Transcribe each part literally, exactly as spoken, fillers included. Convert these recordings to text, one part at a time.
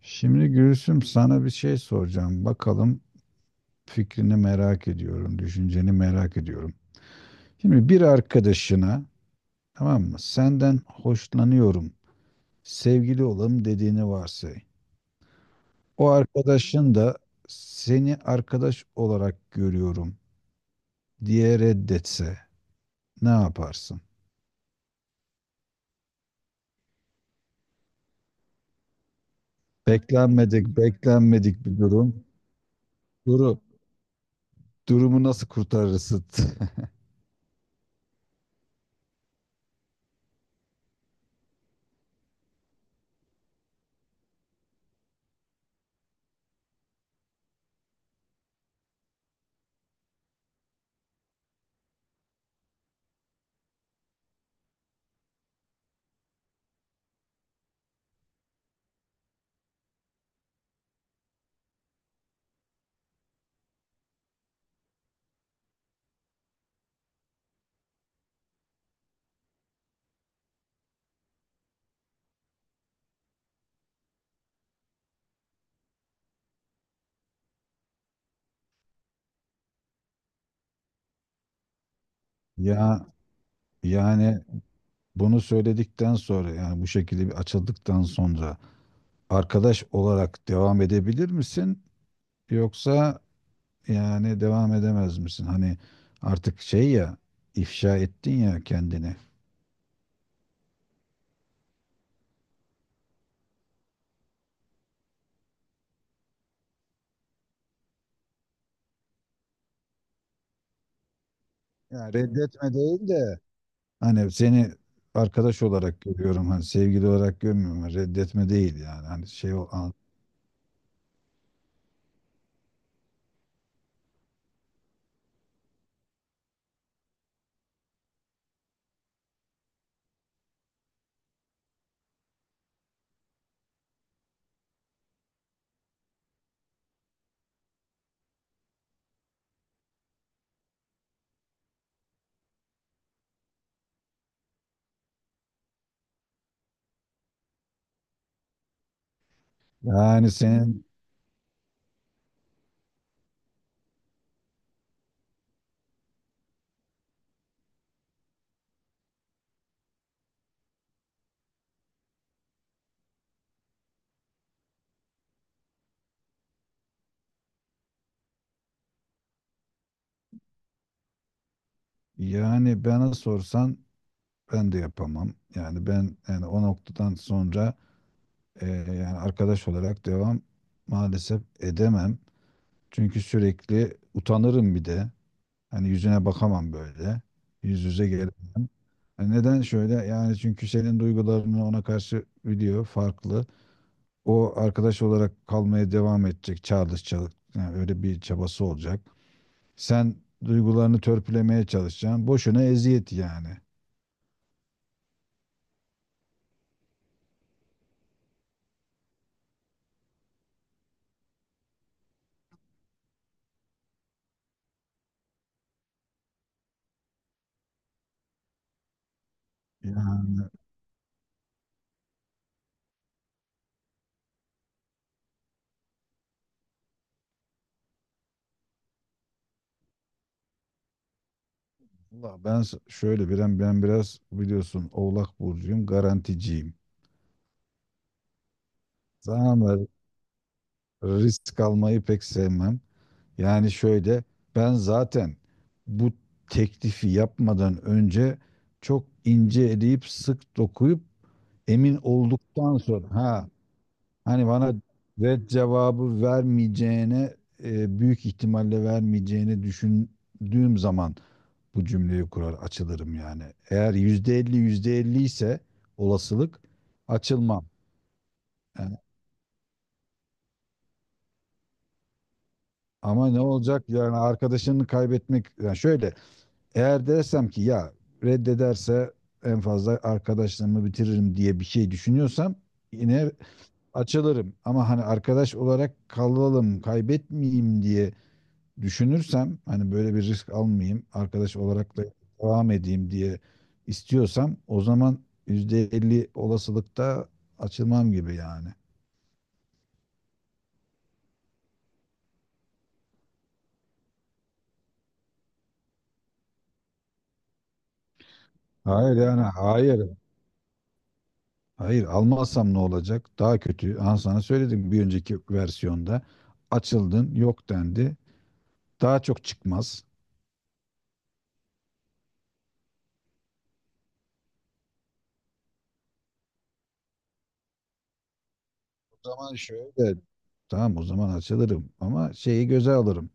Şimdi Gülsüm sana bir şey soracağım. Bakalım fikrini merak ediyorum, düşünceni merak ediyorum. Şimdi bir arkadaşına, tamam mı? Senden hoşlanıyorum, sevgili olalım dediğini varsay. O arkadaşın da seni arkadaş olarak görüyorum diye reddetse ne yaparsın? Beklenmedik, beklenmedik bir durum. Duru, Durumu nasıl kurtarırsın? Ya, yani Bunu söyledikten sonra, yani bu şekilde bir açıldıktan sonra arkadaş olarak devam edebilir misin? Yoksa yani devam edemez misin? Hani artık, şey, ya ifşa ettin ya kendini. Yani reddetme değil de, hani seni arkadaş olarak görüyorum, hani sevgili olarak görmüyorum, reddetme değil yani, hani şey o an- yani senin yani bana sorsan ben de yapamam yani, ben yani o noktadan sonra, Ee, yani arkadaş olarak devam maalesef edemem. Çünkü sürekli utanırım bir de. Hani yüzüne bakamam böyle. Yüz yüze gelemem. Yani neden şöyle? Yani çünkü senin duygularını ona karşı biliyor, farklı. O arkadaş olarak kalmaya devam edecek, çağrışacak. Yani öyle bir çabası olacak. Sen duygularını törpülemeye çalışacaksın. Boşuna eziyet yani. Ya Allah, ben s- şöyle bir, ben ben biraz, biliyorsun, Oğlak burcuyum, garanticiyim. Tamam, risk almayı pek sevmem. Yani şöyle, ben zaten bu teklifi yapmadan önce çok ince eleyip sık dokuyup emin olduktan sonra, ha, hani bana red cevabı vermeyeceğine, e, büyük ihtimalle vermeyeceğini düşündüğüm zaman bu cümleyi kurar, açılırım yani. Eğer yüzde elli yüzde elli ise olasılık, açılmam. Yani ama ne olacak yani, arkadaşını kaybetmek yani şöyle, eğer dersem ki ya reddederse en fazla arkadaşlığımı bitiririm diye bir şey düşünüyorsam yine açılırım. Ama hani arkadaş olarak kalalım, kaybetmeyeyim diye düşünürsem, hani böyle bir risk almayayım, arkadaş olarak da devam edeyim diye istiyorsam, o zaman yüzde elli olasılıkta açılmam gibi yani. Hayır, yani hayır. Hayır, almazsam ne olacak? Daha kötü. Aha, sana söyledim bir önceki versiyonda. Açıldın, yok dendi. Daha çok çıkmaz. O zaman şöyle, tamam, o zaman açılırım ama şeyi göze alırım.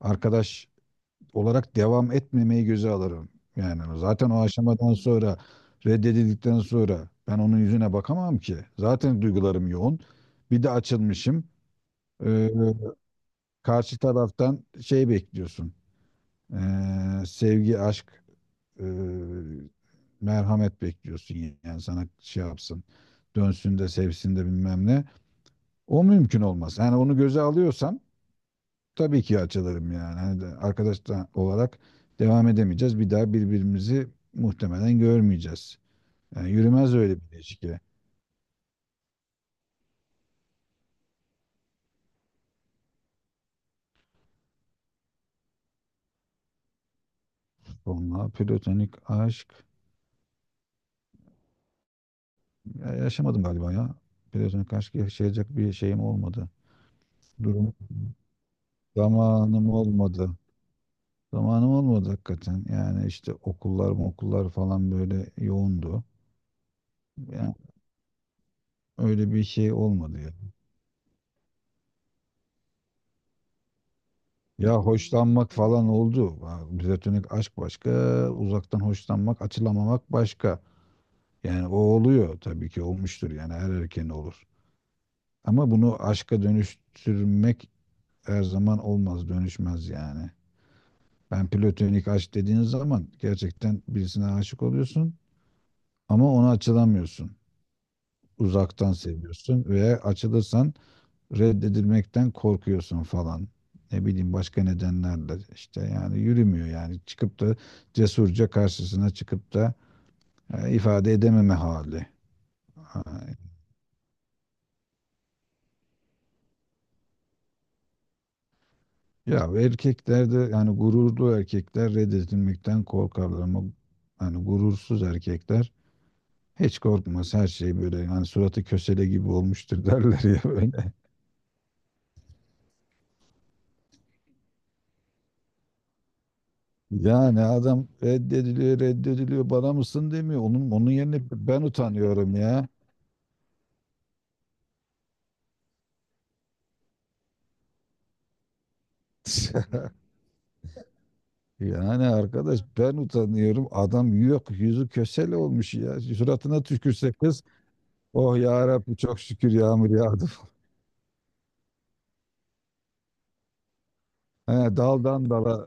Arkadaş olarak devam etmemeyi göze alırım. Yani zaten o aşamadan sonra, reddedildikten sonra ben onun yüzüne bakamam ki. Zaten duygularım yoğun. Bir de açılmışım. Ee, karşı taraftan şey bekliyorsun. Ee, sevgi, aşk, e, merhamet bekliyorsun. Yani sana şey yapsın, dönsün de sevsin de bilmem ne. O mümkün olmaz. Yani onu göze alıyorsam tabii ki açılırım yani. Hani de arkadaş da olarak devam edemeyeceğiz. Bir daha birbirimizi muhtemelen görmeyeceğiz. Yani yürümez öyle bir ilişki. Onunla platonik aşk ya yaşamadım galiba ya. Platonik aşk yaşayacak bir şeyim olmadı. Durum zamanım olmadı. Zamanım olmadı hakikaten. Yani işte okullar okullar falan böyle yoğundu. Yani öyle bir şey olmadı ya. Ya, hoşlanmak falan oldu. Ha, platonik aşk başka, uzaktan hoşlanmak, açılamamak başka. Yani o oluyor, tabii ki olmuştur yani, her erkeğin olur. Ama bunu aşka dönüştürmek her zaman olmaz, dönüşmez yani. Ben platonik aşk dediğiniz zaman gerçekten birisine aşık oluyorsun ama ona açılamıyorsun. Uzaktan seviyorsun ve açılırsan reddedilmekten korkuyorsun falan. Ne bileyim, başka nedenlerle işte yani, yürümüyor yani, çıkıp da cesurca karşısına çıkıp da e, ifade edememe hali. Ha, ya erkekler de yani, gururlu erkekler reddedilmekten korkarlar ama yani gurursuz erkekler hiç korkmaz, her şey böyle yani, suratı kösele gibi olmuştur derler ya böyle. Yani adam reddediliyor reddediliyor, bana mısın demiyor. Onun onun yerine ben utanıyorum ya. Yani arkadaş, ben utanıyorum. Adam yok, yüzü kösele olmuş ya. Suratına tükürse kız, oh ya Rabbi çok şükür yağmur yağdı. He, daldan dala,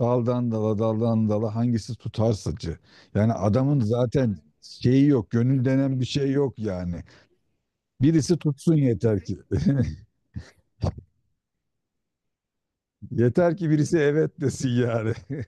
daldan dala, daldan dala, hangisi tutarsacı. Yani adamın zaten şeyi yok, gönül denen bir şey yok yani. Birisi tutsun yeter ki. Yeter ki birisi evet desin yani.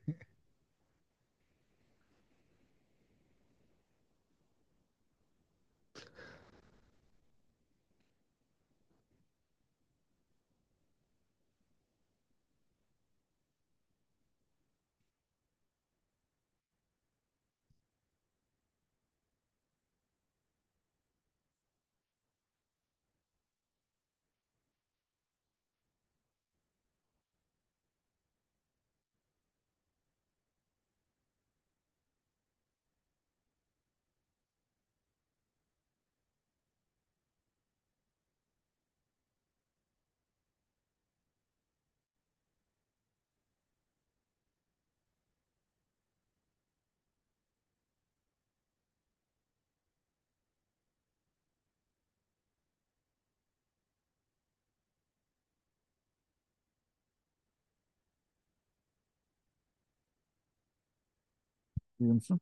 Duyuyor musun?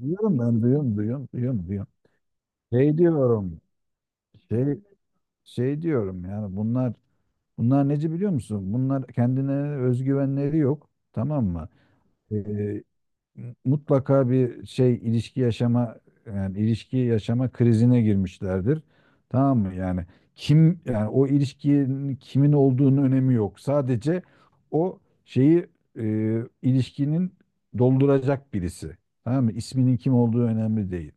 Duyuyorum, ben duyuyorum duyuyorum duyuyorum duyuyorum. Şey diyorum, şey şey diyorum yani, bunlar bunlar neci biliyor musun? Bunlar, kendine özgüvenleri yok. Tamam mı? Ee, mutlaka bir şey, ilişki yaşama yani ilişki yaşama krizine girmişlerdir. Tamam mı? Yani kim, yani o ilişkinin kimin olduğunun önemi yok. Sadece o şeyi, e, ilişkinin dolduracak birisi. Tamam mı? İsminin kim olduğu önemli değil.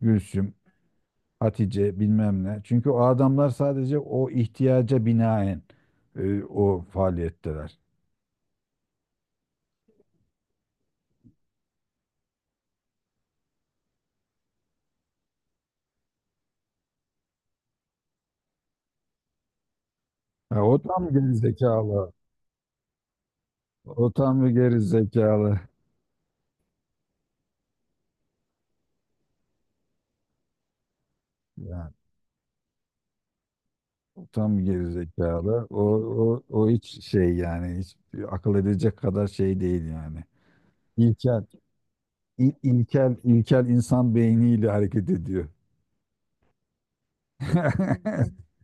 Gülsüm, Hatice, bilmem ne. Çünkü o adamlar sadece o ihtiyaca binaen e, o faaliyetteler. Ha, o tam geri zekalı. O tam bir geri zekalı. Yani o tam bir geri zekalı. O, o, o hiç şey yani, hiç akıl edecek kadar şey değil yani. İlkel, il, ilkel, ilkel insan beyniyle hareket ediyor.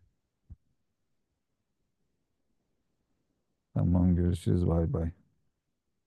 Tamam, görüşürüz, bay bay.